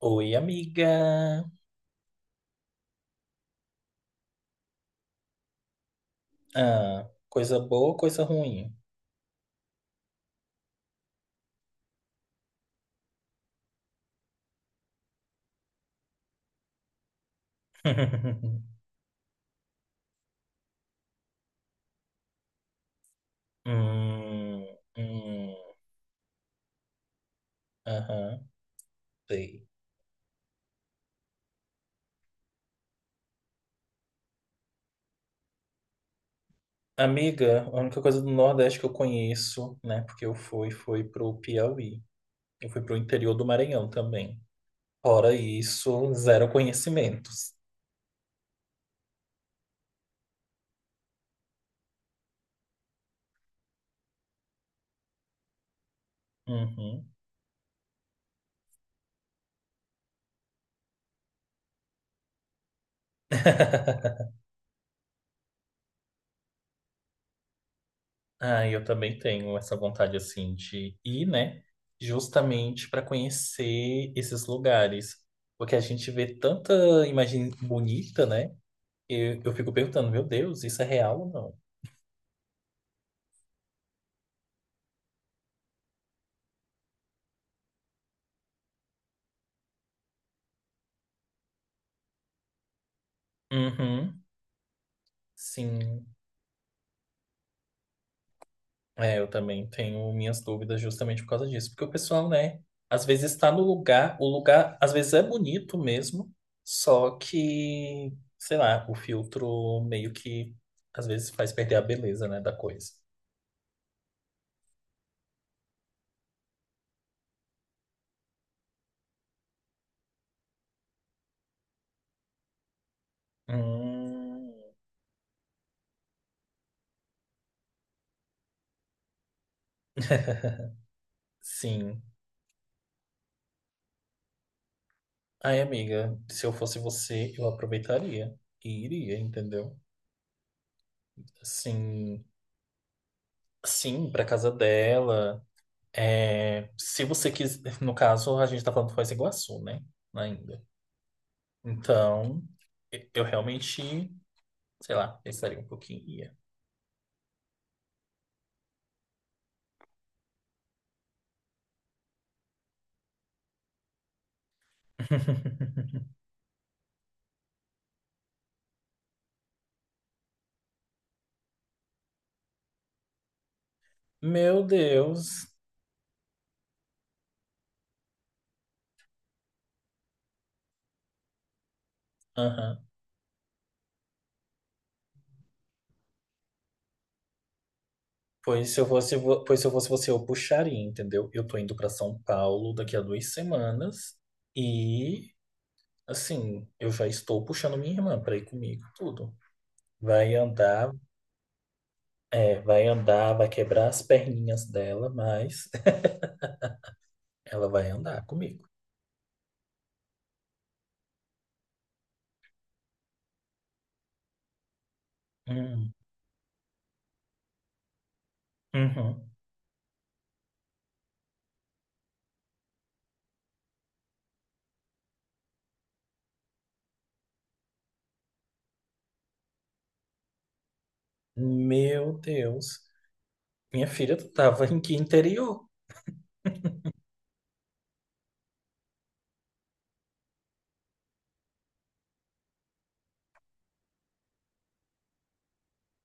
Oi, amiga. Ah, coisa boa, ou coisa ruim? Hum, hum, aham, sei. Amiga, a única coisa do Nordeste que eu conheço, né? Porque eu fui, foi pro Piauí. Eu fui pro interior do Maranhão também. Fora isso, zero conhecimentos. Uhum. Ah, eu também tenho essa vontade assim de ir, né? Justamente para conhecer esses lugares. Porque a gente vê tanta imagem bonita, né? Eu fico perguntando, meu Deus, isso é real ou não? Uhum, sim. É, eu também tenho minhas dúvidas justamente por causa disso. Porque o pessoal, né, às vezes está no lugar, o lugar às vezes é bonito mesmo, só que, sei lá, o filtro meio que às vezes faz perder a beleza, né, da coisa. Hum, sim. Ai, amiga, se eu fosse você, eu aproveitaria e iria, entendeu? Assim, sim, pra casa dela. É, se você quiser, no caso, a gente tá falando de Foz do Iguaçu, né? Ainda. Então, eu realmente, sei lá, pensaria um pouquinho e ia. Meu Deus. Aham. Pois se eu fosse você, eu puxaria, entendeu? Eu tô indo pra São Paulo daqui a 2 semanas. E assim, eu já estou puxando minha irmã para ir comigo, tudo. Vai andar, é, vai andar, vai quebrar as perninhas dela, mas ela vai andar comigo. Hum, uhum. Meu Deus. Minha filha, tu tava em que interior?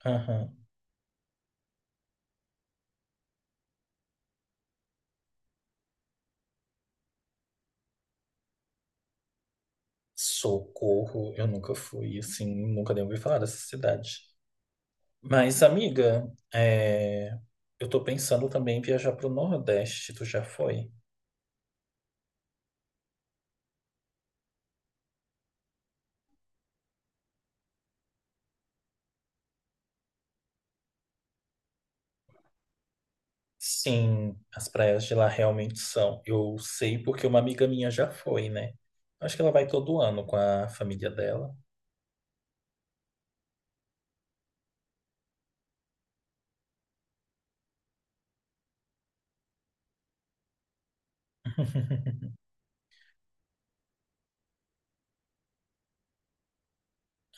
Aham. Socorro, eu nunca fui, assim, nunca nem ouvi falar dessa cidade. Mas, amiga, é, eu tô pensando também em viajar pro Nordeste, tu já foi? Sim, as praias de lá realmente são. Eu sei porque uma amiga minha já foi, né? Acho que ela vai todo ano com a família dela.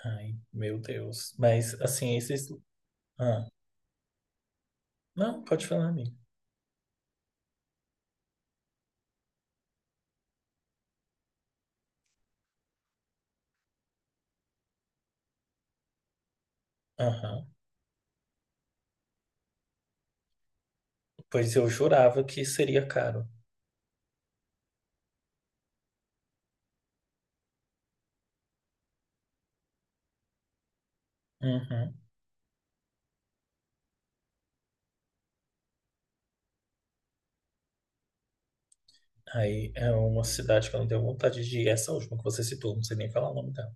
Ai, meu Deus. Mas, assim, esses. Ah, não, pode falar, amigo. Aham. Pois eu jurava que seria caro. Uhum. Aí é uma cidade que eu não tenho vontade de ir. Essa última que você citou, não sei nem falar o nome dela.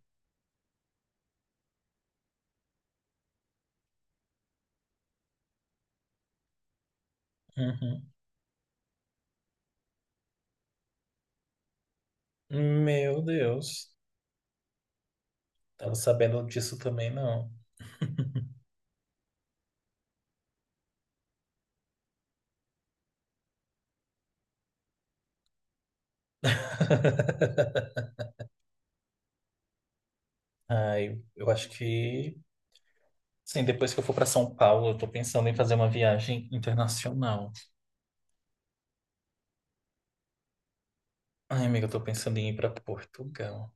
Uhum. Meu Deus. Tava sabendo disso também, não. Ah, eu acho que, sim, depois que eu for para São Paulo, eu tô pensando em fazer uma viagem internacional. Ai, amiga, eu tô pensando em ir para Portugal.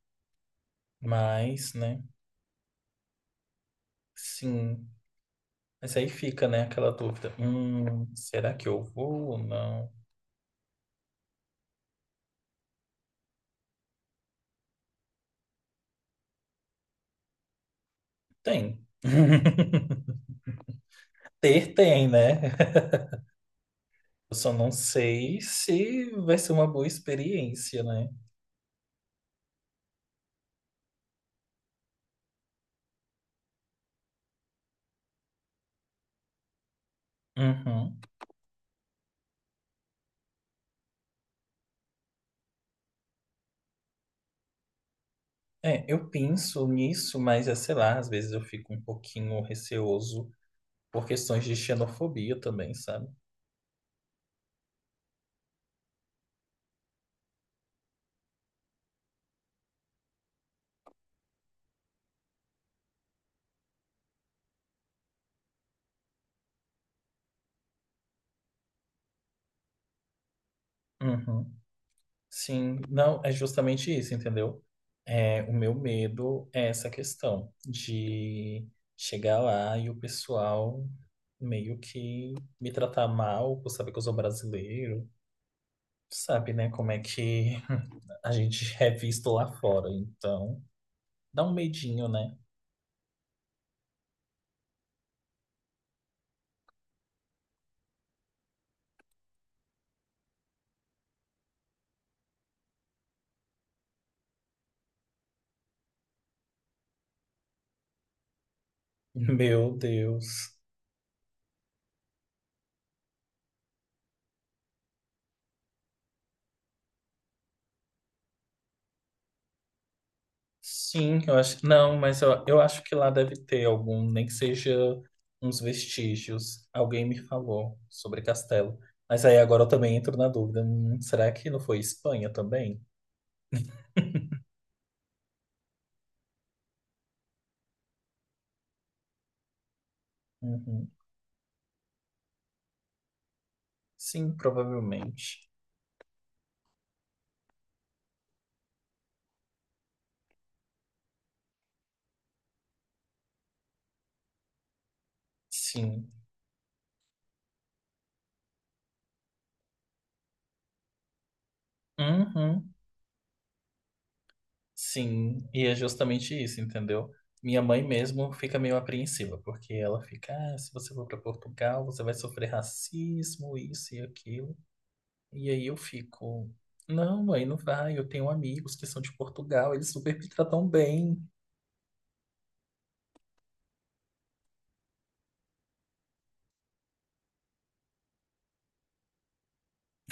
Mas, né? Sim. Mas aí fica, né, aquela dúvida. Será que eu vou ou não? Tem. Ter tem, né? Eu só não sei se vai ser uma boa experiência, né? Uhum. É, eu penso nisso, mas, é, sei lá, às vezes eu fico um pouquinho receoso por questões de xenofobia também, sabe? Uhum. Sim, não, é justamente isso, entendeu? É, o meu medo é essa questão de chegar lá e o pessoal meio que me tratar mal por saber que eu sou brasileiro. Sabe, né, como é que a gente é visto lá fora. Então, dá um medinho, né? Meu Deus. Sim, eu acho. Não, mas eu acho que lá deve ter algum, nem que seja uns vestígios. Alguém me falou sobre castelo. Mas aí agora eu também entro na dúvida. Será que não foi Espanha também? Uhum. Sim, provavelmente. Sim. Uhum. Sim. E é justamente isso, entendeu? Minha mãe mesmo fica meio apreensiva, porque ela fica, ah, se você for para Portugal, você vai sofrer racismo, isso e aquilo. E aí eu fico, não, mãe, não vai. Eu tenho amigos que são de Portugal, eles super me tratam bem.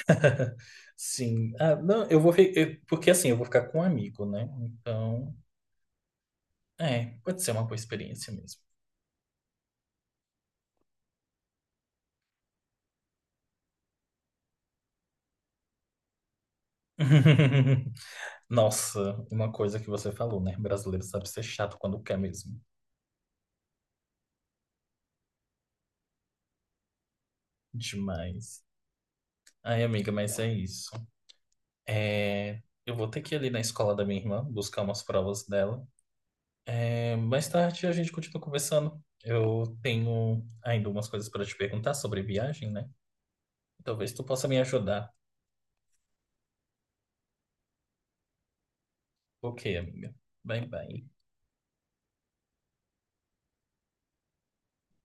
Sim. Ah, não, eu vou fi- eu- porque assim, eu vou ficar com um amigo, né? Então, é, pode ser uma boa experiência mesmo. Nossa, uma coisa que você falou, né? Brasileiro sabe ser chato quando quer mesmo. Demais. Ai, amiga, mas é isso. É, eu vou ter que ir ali na escola da minha irmã buscar umas provas dela. É, mais tarde a gente continua conversando. Eu tenho ainda umas coisas para te perguntar sobre viagem, né? Talvez tu possa me ajudar. Ok, amiga. Bye, bye.